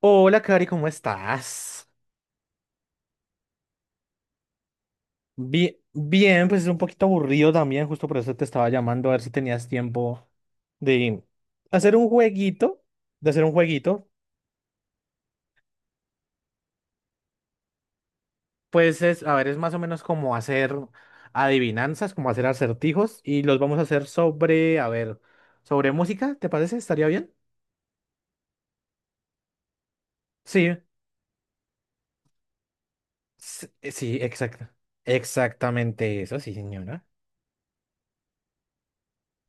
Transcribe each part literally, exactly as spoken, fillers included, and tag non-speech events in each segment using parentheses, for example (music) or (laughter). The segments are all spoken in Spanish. Hola, Cari, ¿cómo estás? Bien, bien, pues es un poquito aburrido también, justo por eso te estaba llamando a ver si tenías tiempo de hacer un jueguito, de hacer un jueguito. Pues es, a ver, es más o menos como hacer adivinanzas, como hacer acertijos y los vamos a hacer sobre, a ver, sobre música, ¿te parece? ¿Estaría bien? Sí, s- eh, sí, exacto. Exactamente eso, sí, señora.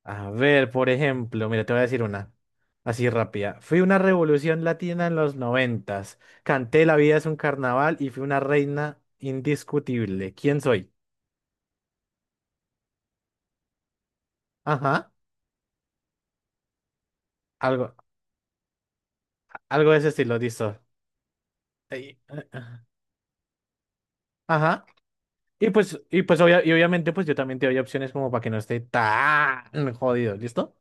A ver, por ejemplo, mira, te voy a decir una. Así rápida. Fui una revolución latina en los noventas. Canté La vida es un carnaval y fui una reina indiscutible. ¿Quién soy? Ajá. Algo, algo de ese estilo, listo. Ey, eh, eh. Ajá. Y pues, y pues obvia- y obviamente, pues yo también te doy opciones como para que no esté tan jodido, ¿listo?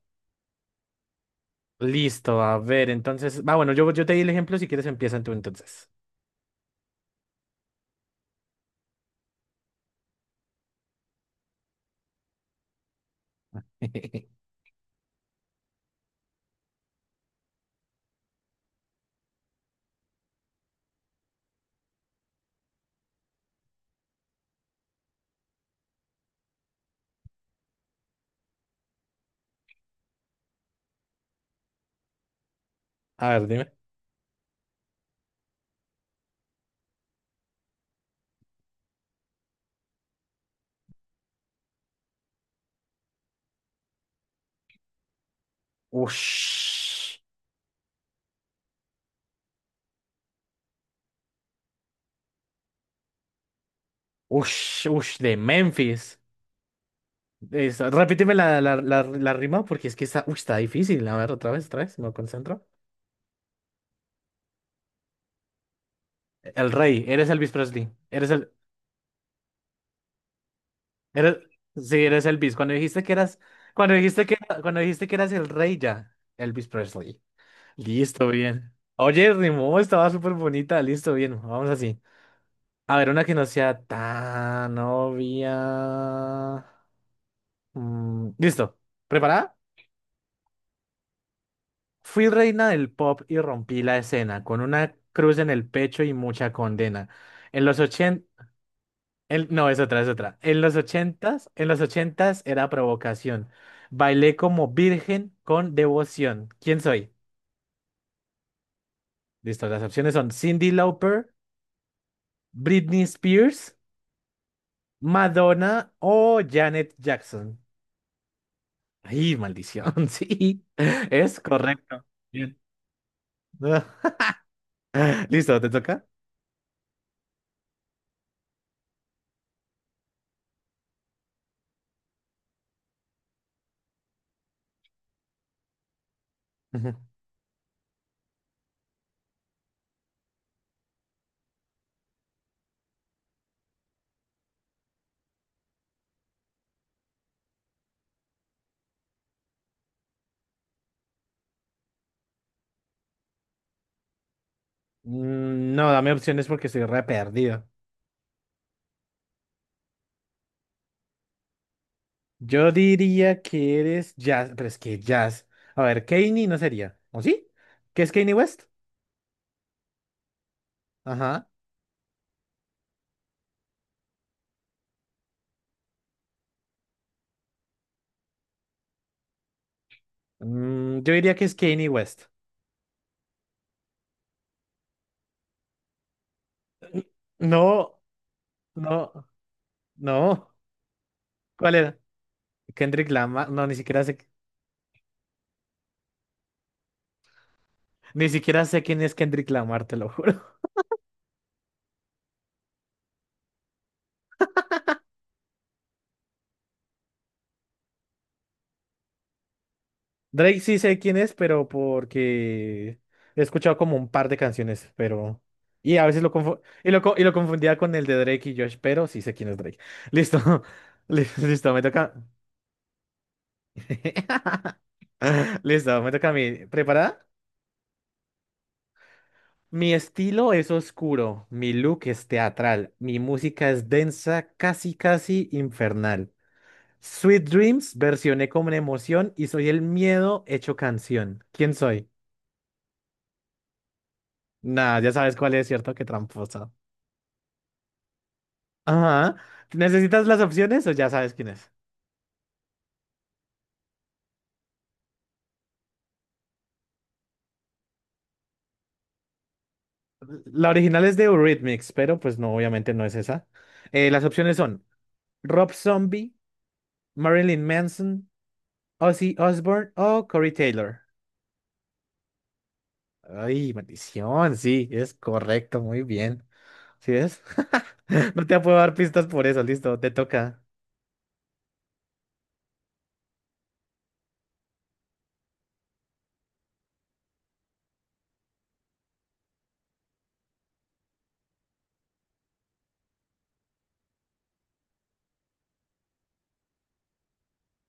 Listo, a ver, entonces. Va, bueno, yo, yo te di el ejemplo, si quieres empieza tú entonces. (laughs) A ver, dime. Ush. Ush, ush, de Memphis. Eso, repíteme la, la, la, la rima porque es que está, uy, está difícil. A ver, otra vez, otra vez, me concentro. El rey, eres Elvis Presley. Eres el, eres, sí, eres Elvis. Cuando dijiste que eras, cuando dijiste que, cuando dijiste que eras el rey ya, Elvis Presley. Listo, bien. Oye, rimó, estaba súper bonita. Listo, bien, vamos así. A ver, una que no sea tan obvia. Mm, listo, ¿preparada? Fui reina del pop y rompí la escena, con una cruz en el pecho y mucha condena. En los ochenta... No, es otra, es otra. En los ochentas, en los ochentas era provocación. Bailé como virgen con devoción. ¿Quién soy? Listo, las opciones son Cindy Lauper, Britney Spears, Madonna o Janet Jackson. Ay, maldición, (laughs) sí, es correcto. Bien. (laughs) Listo, ¿te toca? Ujú. Mm, No, dame opciones porque estoy re perdido. Yo diría que eres jazz, pero es que jazz. A ver, Kanye no sería. ¿O sí? ¿Qué es Kanye West? Ajá. Mm, yo diría que es Kanye West. No, no, no. ¿Cuál era? Kendrick Lamar. No, ni siquiera sé. Ni siquiera sé quién es Kendrick Lamar, te lo juro. (laughs) Drake sí sé quién es, pero porque he escuchado como un par de canciones, pero... Y a veces lo, confu- y lo, co- y lo confundía con el de Drake y Josh, pero sí sé quién es Drake. Listo. (laughs) Li- Listo, me toca... (laughs) Listo, me toca a mí. ¿Preparada? Mi estilo es oscuro, mi look es teatral, mi música es densa, casi casi infernal. Sweet Dreams versioné con emoción y soy el miedo hecho canción. ¿Quién soy? Nah, ya sabes cuál es, ¿cierto? Qué tramposa. Ajá. ¿Necesitas las opciones o ya sabes quién es? La original es de Eurythmics, pero pues no, obviamente no es esa. Eh, las opciones son Rob Zombie, Marilyn Manson, Ozzy Osbourne o Corey Taylor. Ay, maldición, sí, es correcto, muy bien. ¿Sí ves? (laughs) No te puedo dar pistas por eso, listo, te toca.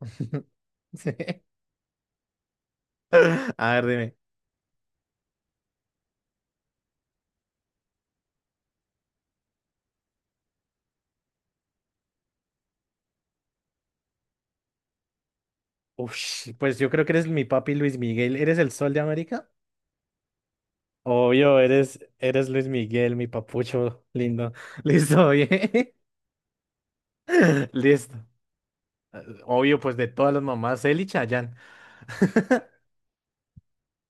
(laughs) Sí. A ver, dime. Ush, pues yo creo que eres mi papi Luis Miguel. ¿Eres el sol de América? Obvio, eres, eres Luis Miguel, mi papucho lindo. (laughs) Listo, bien. (laughs) Listo. Obvio, pues de todas las mamás, él y Chayanne. (laughs)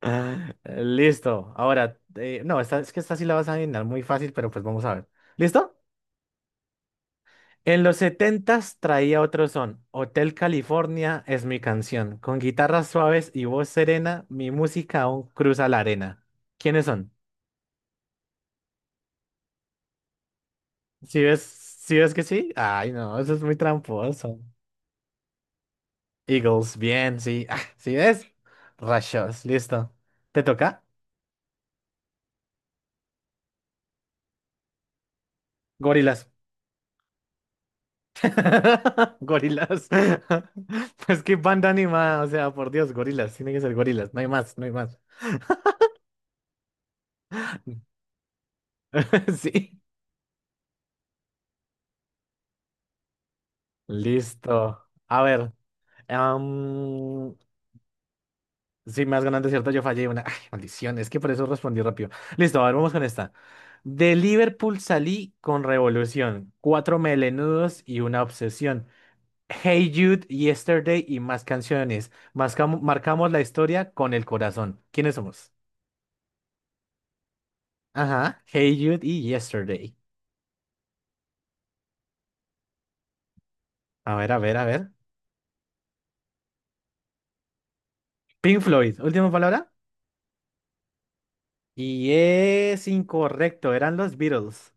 Ah, Listo. Ahora, eh, no, esta, es que esta sí la vas a adivinar muy fácil, pero pues vamos a ver. ¿Listo? En los setentas traía otro son. Hotel California es mi canción. Con guitarras suaves y voz serena, mi música aún cruza la arena. ¿Quiénes son? Si ves, si ves que sí? Ay, no, eso es muy tramposo. Eagles, bien, sí. Ah, ¿sí ves? Rayos, listo. ¿Te toca? Gorilas. (laughs) Gorilas. (laughs) Pues qué banda anima, o sea, por Dios, gorilas. Tiene que ser gorilas, no hay más, no hay más. (laughs) Sí. Listo. A ver. am, sí, me has ganado, es ¿cierto? Yo fallé una. Ay, maldición, es que por eso respondí rápido. Listo, a ver, vamos con esta. De Liverpool salí con revolución, cuatro melenudos y una obsesión. Hey Jude, Yesterday y más canciones. Mascamo- marcamos la historia con el corazón. ¿Quiénes somos? Ajá, Hey Jude y Yesterday. A ver, a ver, a ver. Pink Floyd, última palabra. Y es incorrecto, eran los Beatles.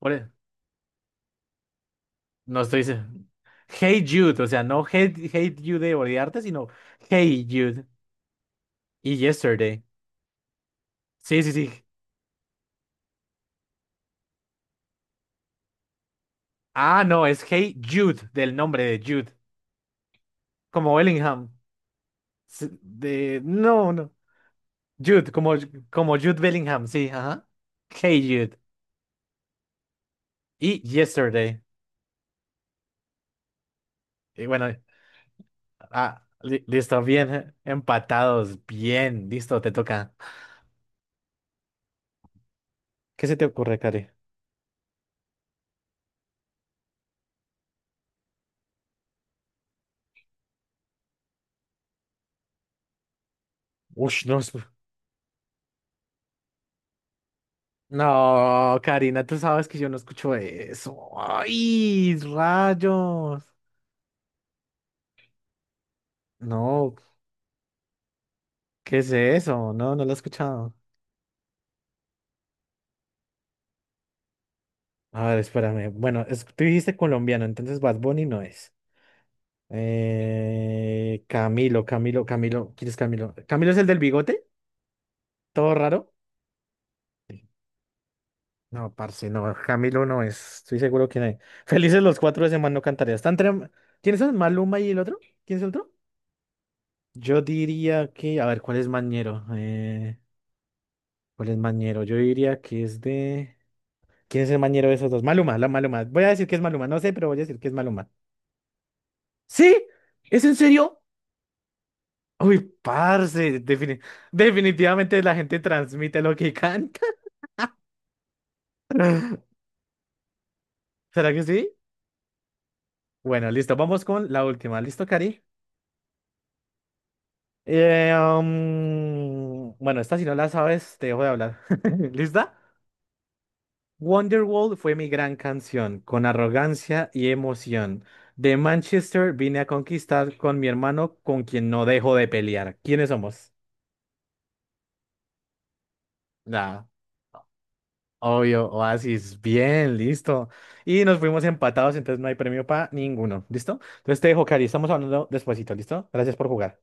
Ore- no estoy se- Hey Jude, o sea, no Hate, hate You de odiarte, sino Hey Jude y Yesterday. Sí, sí, sí. Ah, no, es Hey Jude, del nombre de Jude, como Bellingham. S- De... No, no. Jude, como, como Jude Bellingham, sí, ajá. Hey Jude. Y Yesterday. Y bueno, ah, li- listo, bien, eh, empatados, bien, listo, te toca. ¿Qué se te ocurre, Cari? Ush, no. es- No, Karina, tú sabes que yo no escucho eso. ¡Ay, rayos! No, ¿qué es eso? No, no lo he escuchado. A ver, espérame. Bueno, es- tú dijiste colombiano, entonces Bad Bunny no es. Eh, Camilo, Camilo, Camilo. ¿Quién es Camilo? ¿Camilo es el del bigote? ¿Todo raro? Sí. No, parce, no. Camilo no es. Estoy seguro que no. (laughs) Felices los cuatro de semana no cantaría. Están entre... ¿Quiénes son? ¿Maluma y el otro? ¿Quién es el otro? Yo diría que. A ver, ¿cuál es Mañero? Eh, ¿cuál es Mañero? Yo diría que es de. ¿Quién es el Mañero de esos dos? Maluma, la Maluma. Voy a decir que es Maluma. No sé, pero voy a decir que es Maluma. ¿Sí? ¿Es en serio? Uy, parce, defini- definitivamente la gente transmite lo que (laughs) canta. (laughs) ¿Será que sí? Bueno, listo. Vamos con la última. ¿Listo, Cari? Eh, um, bueno, esta si no la sabes, te dejo de hablar. (laughs) ¿Lista? Wonderwall fue mi gran canción, con arrogancia y emoción. De Manchester vine a conquistar con mi hermano, con quien no dejo de pelear. ¿Quiénes somos? Nah, obvio, Oasis. Bien, listo. Y nos fuimos empatados, entonces no hay premio para ninguno. ¿Listo? Entonces te dejo, Cari. Estamos hablando despuesito, ¿listo? Gracias por jugar.